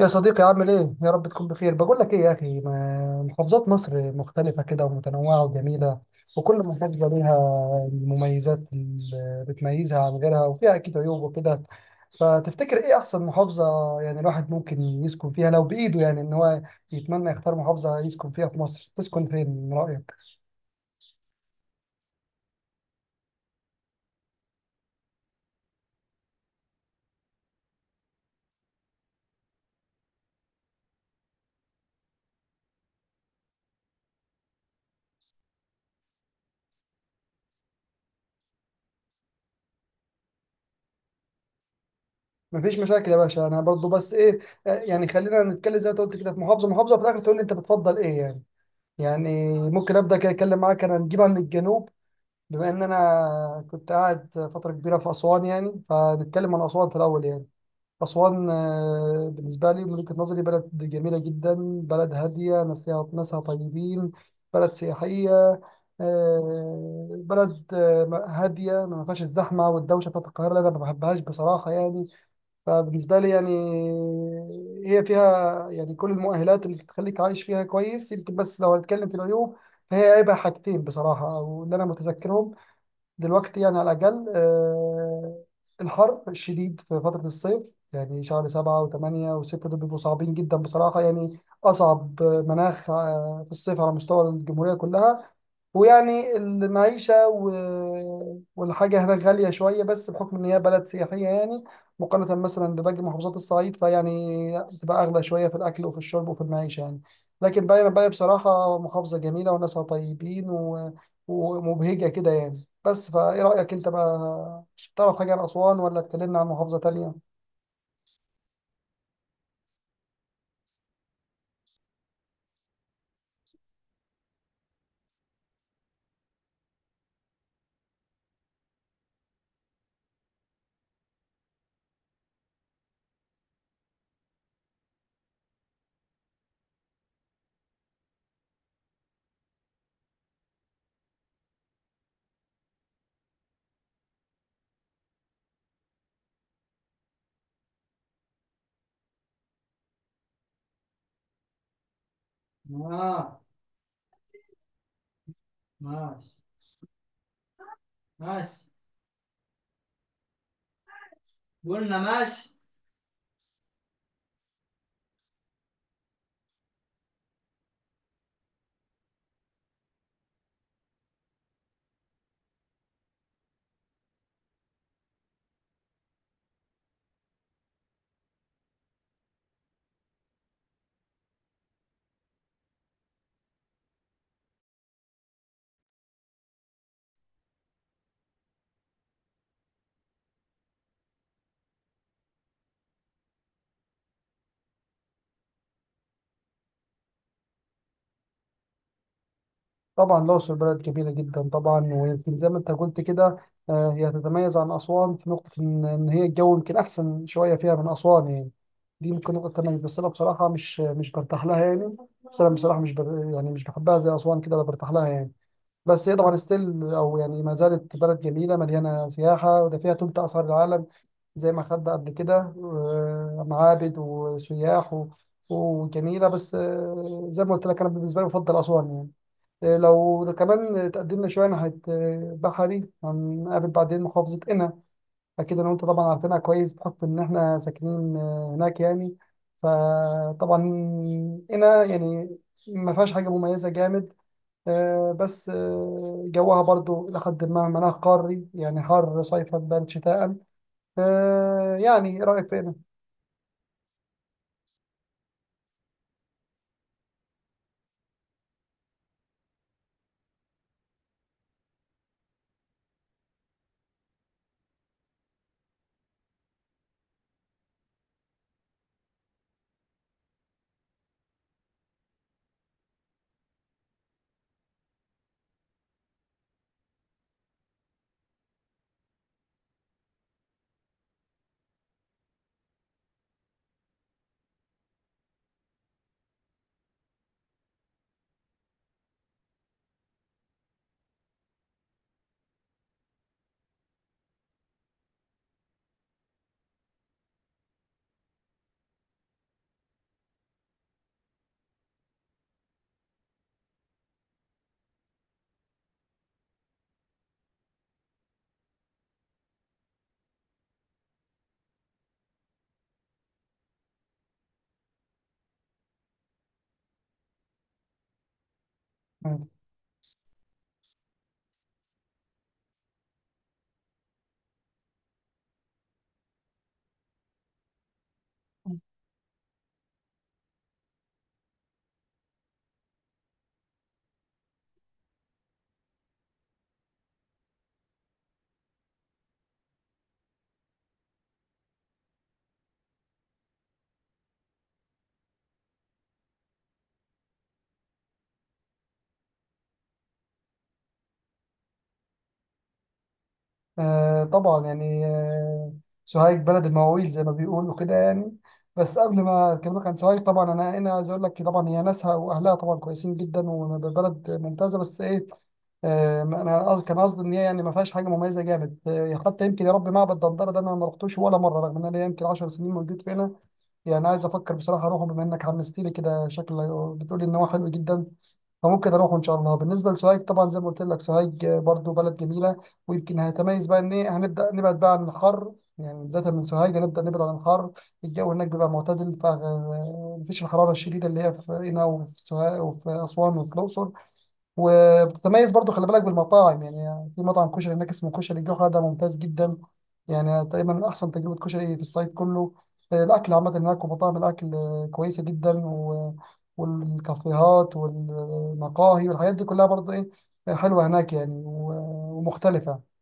يا صديقي عامل ايه؟ يا رب تكون بخير، بقول لك ايه يا اخي محافظات مصر مختلفة كده ومتنوعة وجميلة. وكل محافظة ليها المميزات اللي بتميزها عن غيرها وفيها اكيد عيوب وكده. فتفتكر ايه احسن محافظة يعني الواحد ممكن يسكن فيها لو بايده يعني ان هو يتمنى يختار محافظة يسكن فيها في مصر، تسكن فين من رأيك؟ مفيش مشاكل يا باشا انا برضو بس ايه يعني خلينا نتكلم زي ما أنت قلت كده في محافظة محافظة في الاخر تقول لي انت بتفضل ايه يعني؟ يعني ممكن ابدا كده اتكلم معاك انا نجيبها من الجنوب. بما ان انا كنت قاعد فتره كبيره في اسوان يعني فنتكلم عن اسوان في الاول يعني. اسوان. بالنسبه لي من وجهه نظري بلد جميله جدا. بلد هاديه ناسها ناسها طيبين. بلد سياحيه. بلد هاديه ما فيهاش الزحمه والدوشه بتاعت القاهره اللي انا ما بحبهاش بصراحه يعني. فبالنسبه لي يعني هي فيها يعني كل المؤهلات اللي تخليك عايش فيها كويس يمكن، بس لو هنتكلم في العيوب فهي عيبها حاجتين بصراحه او اللي انا متذكرهم دلوقتي يعني على الأقل، الحر الشديد في فترة الصيف، يعني شهر 7 و8 و6 دول بيبقوا صعبين جدا بصراحة يعني. أصعب مناخ في الصيف على مستوى الجمهورية كلها. ويعني المعيشة والحاجة هناك غالية شوية بس بحكم إن هي بلد سياحية يعني، مقارنة مثلا بباقي محافظات الصعيد فيعني بتبقى أغلى شوية في الأكل وفي الشرب وفي المعيشة يعني. لكن باقي بصراحة محافظة جميلة وناسها طيبين ومبهجة كده يعني. بس فإيه رأيك أنت بقى، تعرف حاجة عن أسوان ولا اتكلمنا عن محافظة تانية؟ آه، ماشي. ماشي. قلنا ماشي. طبعا الأقصر بلد كبيرة جدا طبعا، ويمكن زي ما أنت قلت كده، هي تتميز عن أسوان في نقطة إن هي الجو يمكن أحسن شوية فيها من أسوان يعني. دي ممكن نقطة تميز، بس أنا بصراحة مش برتاح لها يعني. بس أنا بصراحة مش يعني مش بحبها زي أسوان كده ولا برتاح لها يعني. بس هي طبعا ستيل أو يعني ما زالت بلد جميلة مليانة سياحة، وده فيها تلت آثار العالم زي ما خدنا قبل كده، معابد وسياح وجميلة. بس زي ما قلت لك أنا بالنسبة لي بفضل أسوان يعني. لو ده كمان تقدمنا شوية ناحية بحري هنقابل بعدين محافظة قنا. أكيد أنا وأنت طبعا عارفينها كويس بحكم إن إحنا ساكنين هناك يعني. فطبعا قنا يعني ما فيهاش حاجة مميزة جامد، بس جوها برضو إلى حد ما مناخ قاري يعني حر صيفا بارد شتاء. يعني إيه رأيك في قنا؟ آه طبعا يعني. سوهاج بلد المواويل زي ما بيقولوا كده يعني. بس قبل ما اكلمك عن سوهاج طبعا انا هنا عايز اقول لك طبعا هي ناسها واهلها طبعا كويسين جدا وبلد ممتازه بس ايه. انا كان قصدي ان هي يعني ما فيهاش حاجه مميزه جامد، حتى يمكن يا رب معبد دندره ده انا ما رحتوش ولا مره، رغم ان انا يمكن 10 سنين موجود فينا. يعني عايز افكر بصراحه اروحه بما انك حمست لي كده شكل، بتقولي ان هو حلو جدا. فممكن اروحه ان شاء الله. بالنسبه لسوهاج طبعا زي ما قلت لك سوهاج برضو بلد جميله، ويمكن هتميز بقى ان ايه هنبدا نبعد بقى عن الحر. يعني بدايه من سوهاج هنبدا نبعد عن الحر. الجو هناك بيبقى معتدل، فمفيش الحراره الشديده اللي هي في هنا وفي سوهاج وفي اسوان وفي الاقصر. وبتتميز برضو، خلي بالك بالمطاعم، يعني في مطعم كشري هناك اسمه كشري الجوهرة ده ممتاز جدا. يعني تقريبا من أحسن تجربة كشري في الصعيد كله. الأكل عامة هناك، ومطاعم الأكل كويسة جدا، والكافيهات والمقاهي والحاجات دي كلها برضو إيه حلوة هناك يعني ومختلفة.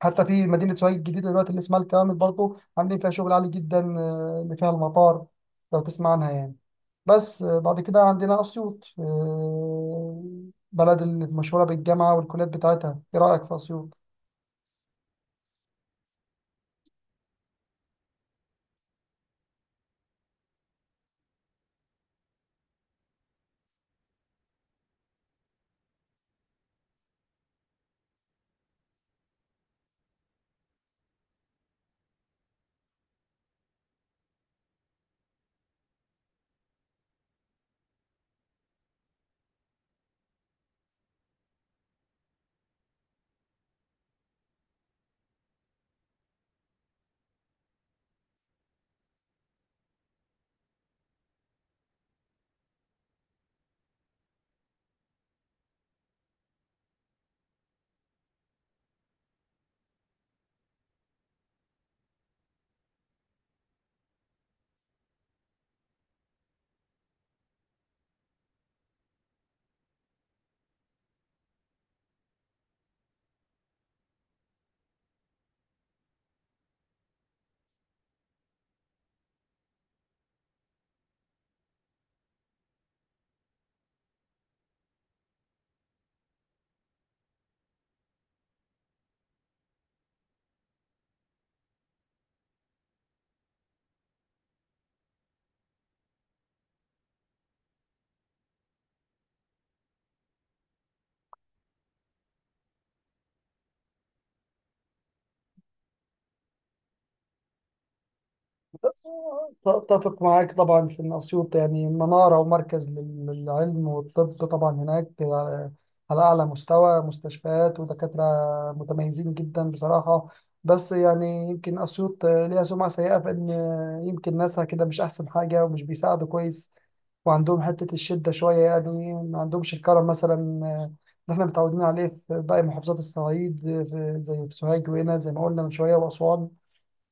حتى في مدينة سوهاج الجديدة دلوقتي اللي اسمها الكامل برضو عاملين فيها شغل عالي جدا، اللي فيها المطار لو تسمع عنها يعني. بس بعد كده عندنا أسيوط، بلد المشهورة بالجامعة والكليات بتاعتها. إيه رأيك في أسيوط؟ أتفق معاك طبعا في إن أسيوط يعني منارة ومركز للعلم والطب، طبعا هناك على أعلى مستوى مستشفيات ودكاترة متميزين جدا بصراحة. بس يعني يمكن أسيوط ليها سمعة سيئة في إن يمكن ناسها كده مش أحسن حاجة ومش بيساعدوا كويس وعندهم حتة الشدة شوية يعني، ما عندهمش الكرم مثلا، آه، اللي إحنا متعودين عليه في باقي محافظات الصعيد، زي في سوهاج وهنا زي ما قلنا من شوية وأسوان.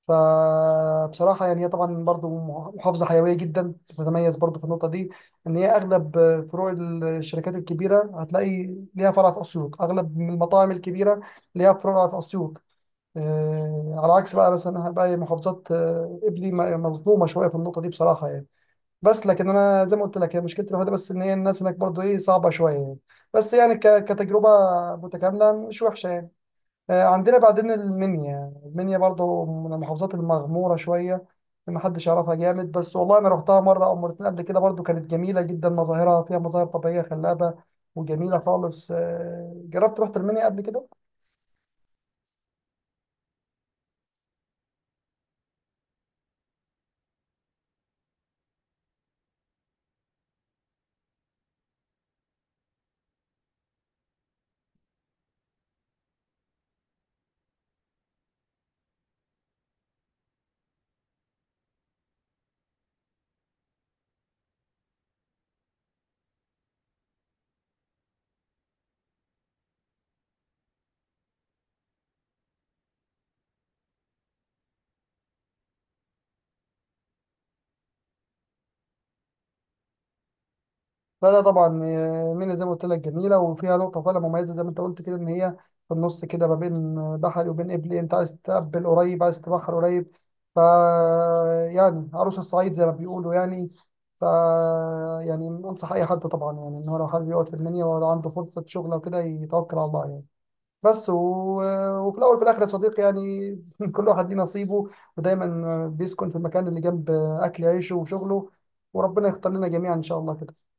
فبصراحة يعني هي طبعا برضو محافظة حيوية جدا، بتتميز برضو في النقطة دي إن هي أغلب فروع الشركات الكبيرة هتلاقي ليها فرع في أسيوط، أغلب من المطاعم الكبيرة ليها فروع في أسيوط. على عكس بقى مثلا باقي محافظات قبلي مظلومة شوية في النقطة دي بصراحة يعني. بس لكن أنا زي ما قلت لك هي مشكلتي الوحيدة بس إن هي الناس هناك برضو إيه صعبة شوية يعني. بس يعني كتجربة متكاملة مش وحشة يعني. عندنا بعدين المنيا. المنيا برضه من المحافظات المغمورة شوية، ما حدش يعرفها جامد، بس والله أنا روحتها مرة أو مرتين قبل كده برضه كانت جميلة جدا. مظاهرها فيها مظاهر طبيعية خلابة وجميلة خالص. جربت رحت المنيا قبل كده. لا لا طبعا، مينا زي ما قلت لك جميله وفيها نقطه فعلا مميزه زي ما انت قلت كده، ان هي في النص كده ما بين بحري وبين قبلي، انت عايز تقبل قريب عايز تبحر قريب. ف يعني عروس الصعيد زي ما بيقولوا يعني. ف يعني انصح اي حد طبعا يعني ان هو لو حابب يقعد في المنيا ولو عنده فرصه شغل او كده يتوكل على الله يعني. بس وفي الاول وفي الاخر يا صديقي يعني كل واحد ليه نصيبه، ودايما بيسكن في المكان اللي جنب اكل عيشه وشغله، وربنا يختار لنا جميعا ان شاء الله كده.